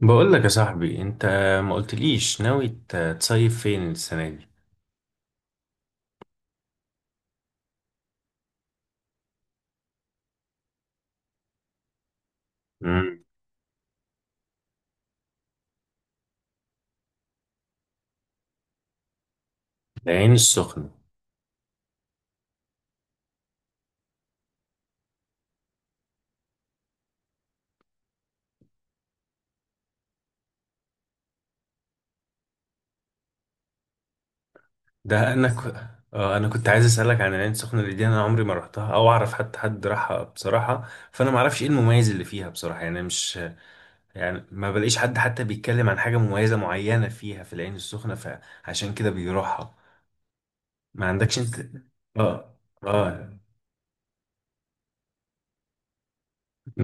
بقول لك يا صاحبي انت ما قلتليش ناوي تصيف فين السنه دي. امم العين السخنه. ده انا ك... آه انا كنت عايز اسالك عن العين السخنه اللي دي، انا عمري ما رحتها او اعرف حتى حد راحها بصراحه، فانا ما اعرفش ايه المميز اللي فيها بصراحه، يعني مش يعني ما بلاقيش حد حتى بيتكلم عن حاجه مميزه معينه فيها في العين السخنه فعشان كده بيروحها. ما عندكش انت؟ اه، اه.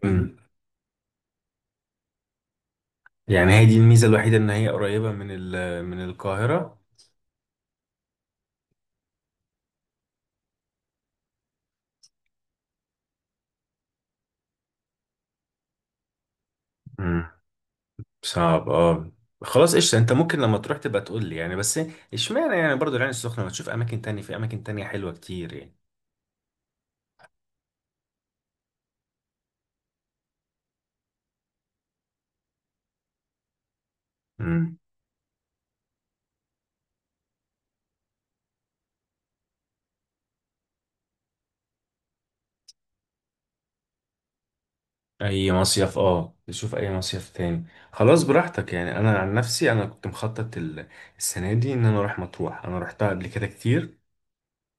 امم يعني هي دي الميزه الوحيده، ان هي قريبه من من القاهره. صعب، اه. خلاص قشطة، انت ممكن لما تروح تبقى تقول لي يعني، بس اشمعنى يعني برضو العين السخنة؟ ما تشوف اماكن تانية، في اماكن تانية حلوة كتير يعني. امم. اي مصيف، اه، تشوف اي مصيف تاني. خلاص براحتك يعني، انا عن نفسي انا كنت مخطط السنة دي ان انا اروح مطروح، انا روحتها قبل كده كتير.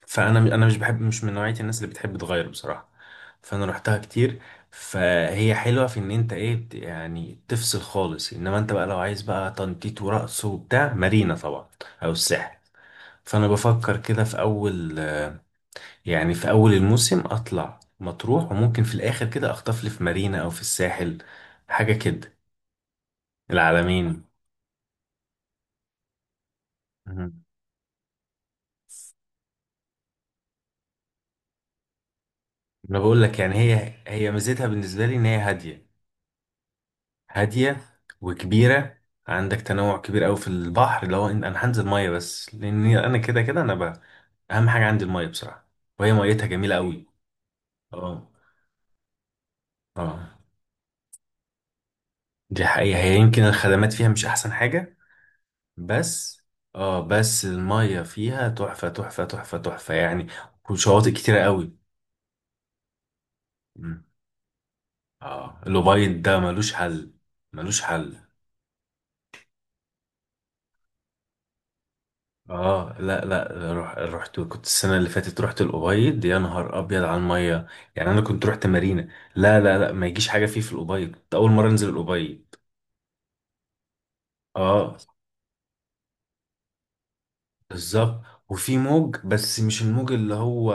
فانا مش بحب، مش من نوعيه الناس اللي بتحب تغير بصراحه، فانا رحتها كتير. فهي حلوه في ان انت ايه يعني تفصل خالص، انما انت بقى لو عايز بقى تنطيط ورقص وبتاع مارينا طبعا او الساحل. فانا بفكر كده في اول، يعني في اول الموسم اطلع مطروح، وممكن في الاخر كده اخطف لي في مارينا او في الساحل حاجه كده. العلمين. مهم. انا بقول لك يعني، هي ميزتها بالنسبه لي ان هي هاديه، هادية وكبيرة. عندك تنوع كبير قوي في البحر، اللي هو إن انا هنزل مية، بس لان انا كده كده انا بقى اهم حاجة عندي المية بصراحة، وهي ميتها جميلة قوي. اه، اه. دي حقيقة، هي يمكن الخدمات فيها مش احسن حاجة بس، اه، بس المية فيها تحفة تحفة تحفة تحفة يعني، وشواطئ كتيرة قوي. مم. اه، الأبيض ده ملوش حل، ملوش حل. اه، لا لا، روح، رحت، كنت السنه اللي فاتت رحت الابيض، يا نهار ابيض على الميه. يعني انا كنت رحت مارينا، لا لا لا، ما يجيش حاجه فيه، في الابيض كنت اول مره انزل الابيض. اه، بالظبط. وفي موج بس مش الموج اللي هو،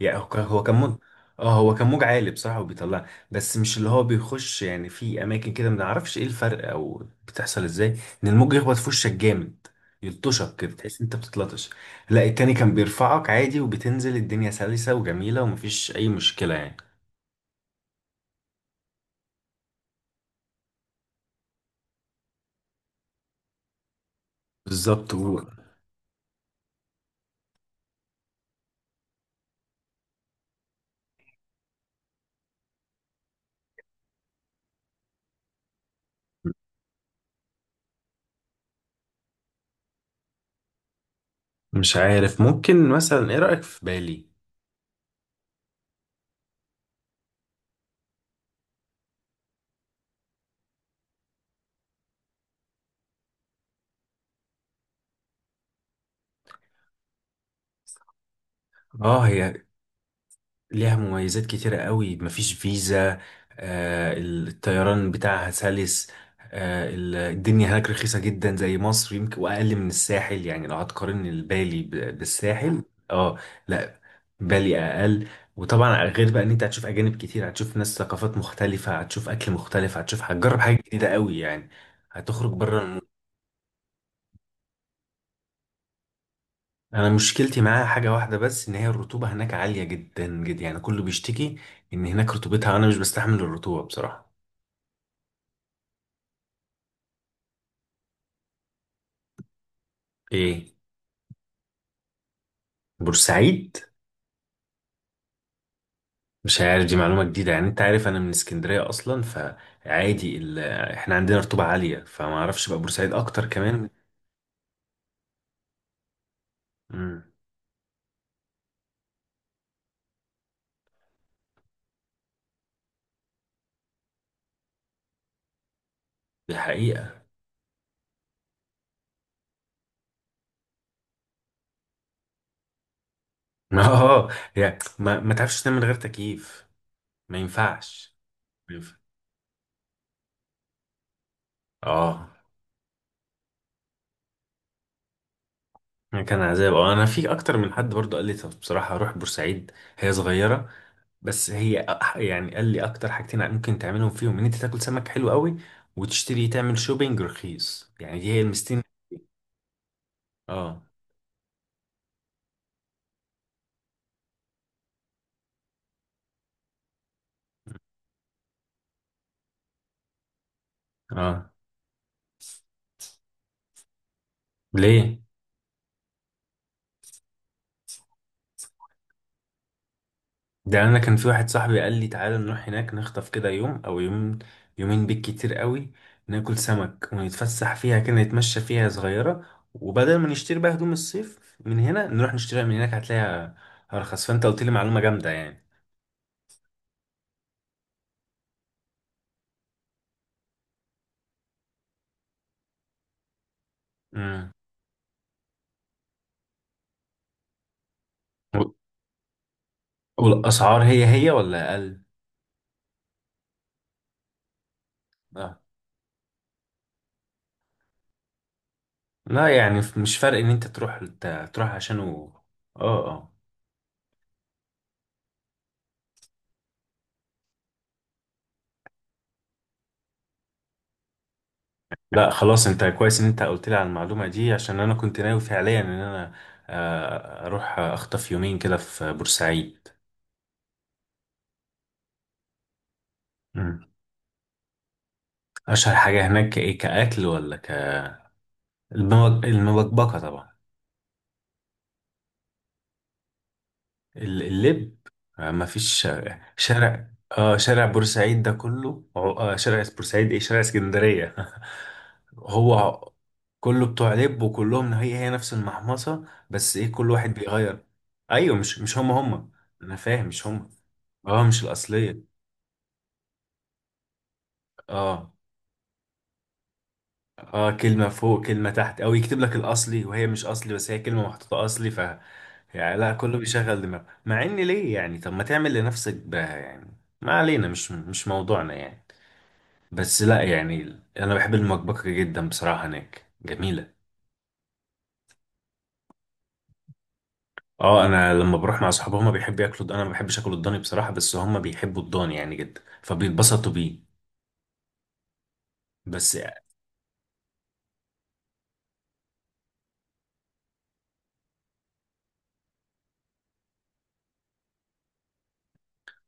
يعني هو كان، هو كان موج، اه هو كان موج عالي بصراحة وبيطلع، بس مش اللي هو بيخش يعني. في اماكن كده ما نعرفش ايه الفرق او بتحصل ازاي ان الموج يخبط في وشك جامد، يلطشك كده، تحس انت بتتلطش. لا التاني كان بيرفعك عادي وبتنزل الدنيا سلسة وجميلة ومفيش اي مشكلة يعني. بالظبط. مش عارف، ممكن مثلا ايه رأيك في بالي؟ اه هي ليها مميزات كتيرة قوي، مفيش فيزا، الطيران بتاعها سلس، الدنيا هناك رخيصة جدا زي مصر يمكن، وأقل من الساحل يعني لو هتقارن البالي بالساحل. اه لا، بالي أقل. وطبعا غير بقى ان انت هتشوف اجانب كتير، هتشوف ناس ثقافات مختلفة، هتشوف اكل مختلف، هتشوف، هتجرب حاجة جديدة قوي يعني، هتخرج بره المود. انا مشكلتي معاها حاجة واحدة بس، ان هي الرطوبة هناك عالية جدا جدا يعني، كله بيشتكي ان هناك رطوبتها، انا مش بستحمل الرطوبة بصراحة. ايه؟ بورسعيد؟ مش عارف، دي معلومة جديدة يعني، انت عارف انا من اسكندرية اصلا فعادي احنا عندنا رطوبة عالية، فما اعرفش بقى بورسعيد اكتر كمان. امم. دي حقيقة. اه. يعني ما تعرفش تنام من غير تكييف، ما ينفعش، ما ينفع. اه. يعني كان عذاب، اه، انا في اكتر من حد برضه قال لي طب بصراحة روح بورسعيد، هي صغيرة، بس هي يعني قال لي اكتر حاجتين ممكن تعملهم فيهم، ان انت تاكل سمك حلو قوي، وتشتري، تعمل شوبينج رخيص، يعني دي هي المستين. اه، اه. ليه؟ ده انا كان في واحد صاحبي قال لي تعالى نروح هناك نخطف كده يوم او يوم، يومين بالكتير قوي، ناكل سمك ونتفسح فيها، كده نتمشى فيها صغيرة، وبدل ما نشتري بقى هدوم الصيف من هنا نروح نشتريها من هناك، هتلاقيها ارخص، فانت قلت لي معلومة جامدة يعني. امم. والاسعار هي هي ولا اقل؟ اه لا، يعني مش فرق ان انت تروح، تروح عشانه. اه، اه. لا خلاص، انت كويس ان انت قلت لي على المعلومة دي، عشان انا كنت ناوي فعليا ان انا اروح اخطف يومين كده في بورسعيد. مم. اشهر حاجة هناك ايه كأكل ولا ك؟ المبكبكة طبعا. اللب، ما فيش شارع شارع، اه شارع بورسعيد ده كله شارع بورسعيد، ايه شارع اسكندرية. هو كله بتوع لب، وكلهم هي هي نفس المحمصة، بس ايه كل واحد بيغير. ايوه، مش هم هم، انا فاهم مش هم، اه مش الاصلية. اه، اه، كلمة فوق كلمة تحت، او يكتب لك الاصلي وهي مش اصلي، بس هي كلمة محطوطة اصلي، ف يعني لا كله بيشغل دماغه، مع ان ليه يعني؟ طب ما تعمل لنفسك بها يعني. ما علينا، مش موضوعنا يعني. بس لا يعني، انا بحب المكبكة جدا بصراحة، هناك جميلة. اه، انا لما بروح مع اصحابي هما بيحبوا ياكلوا، انا ما بحبش اكل الضاني بصراحة، بس هما بيحبوا الضاني يعني جدا، فبيتبسطوا بيه. بس،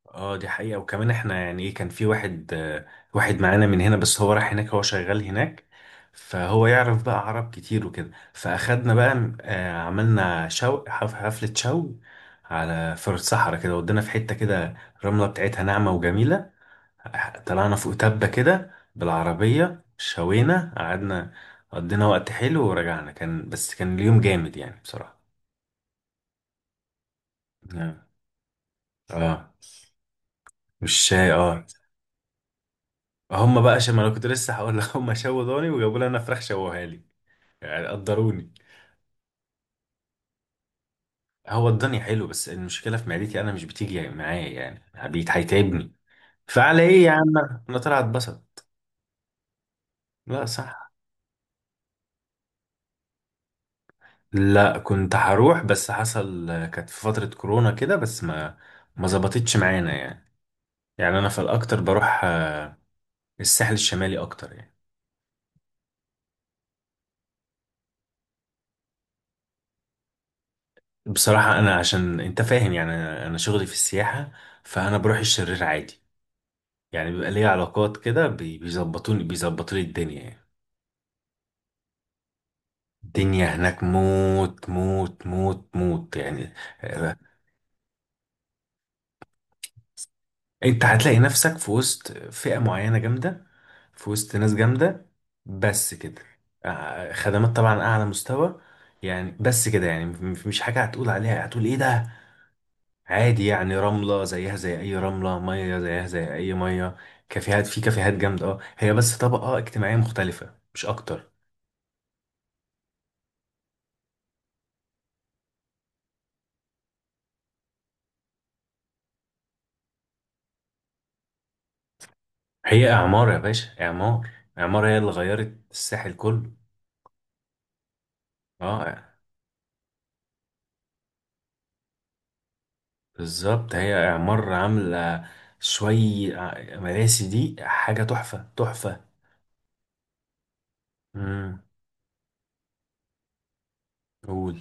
اه، دي حقيقة. وكمان احنا يعني ايه، كان في واحد، واحد معانا من هنا بس هو راح هناك، هو شغال هناك، فهو يعرف بقى عرب كتير وكده، فاخدنا بقى، عملنا شو، حفلة شو على، في الصحراء كده، ودينا في حتة كده الرملة بتاعتها ناعمة وجميلة، طلعنا فوق تبة كده بالعربية، شوينا، قعدنا، قضينا وقت حلو ورجعنا، كان بس كان اليوم جامد يعني بصراحة. اه. آه. مش، اه، هم بقى شم، انا كنت لسه هقول لك، هم شووا ضاني وجابوا لي انا فراخ شووها لي، يعني قدروني. هو الضاني حلو، بس المشكله في معدتي، انا مش بتيجي معايا يعني، بيت هيتعبني فعلى ايه يا عم. انا طلعت اتبسط. لا صح. لا كنت هروح بس حصل كانت في فتره كورونا كده بس ما، ما ظبطتش معانا يعني. يعني انا في الاكتر بروح، الساحل الشمالي اكتر يعني. بصراحه انا، عشان انت فاهم يعني، انا شغلي في السياحه، فانا بروح الشرير عادي، يعني بيبقى ليا علاقات كده بيظبطوني، بيظبطوا لي الدنيا يعني. الدنيا هناك موت موت موت موت يعني. آه، انت هتلاقي نفسك في وسط فئة معينة جامدة، في وسط ناس جامدة، بس كده. خدمات طبعا أعلى مستوى يعني، بس كده يعني، مش حاجة هتقول عليها هتقول إيه ده، عادي يعني، رملة زيها زي أي رملة، مية زيها زي أي مية، كافيهات في كافيهات جامدة، اه، هي بس طبقة اجتماعية مختلفة مش أكتر. هي اعمار يا باشا، اعمار، اعمار هي اللي غيرت الساحل كله. اه بالظبط، هي اعمار عامله شوي، مراسي دي حاجه تحفه تحفه. امم. قول.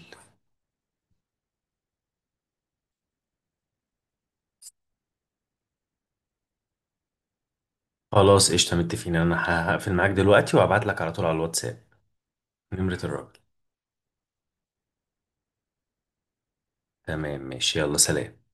خلاص قشطه، متفقين، انا هقفل معاك دلوقتي وابعت لك على طول على الواتساب. نمره الراجل. تمام، ماشي، يلا سلام.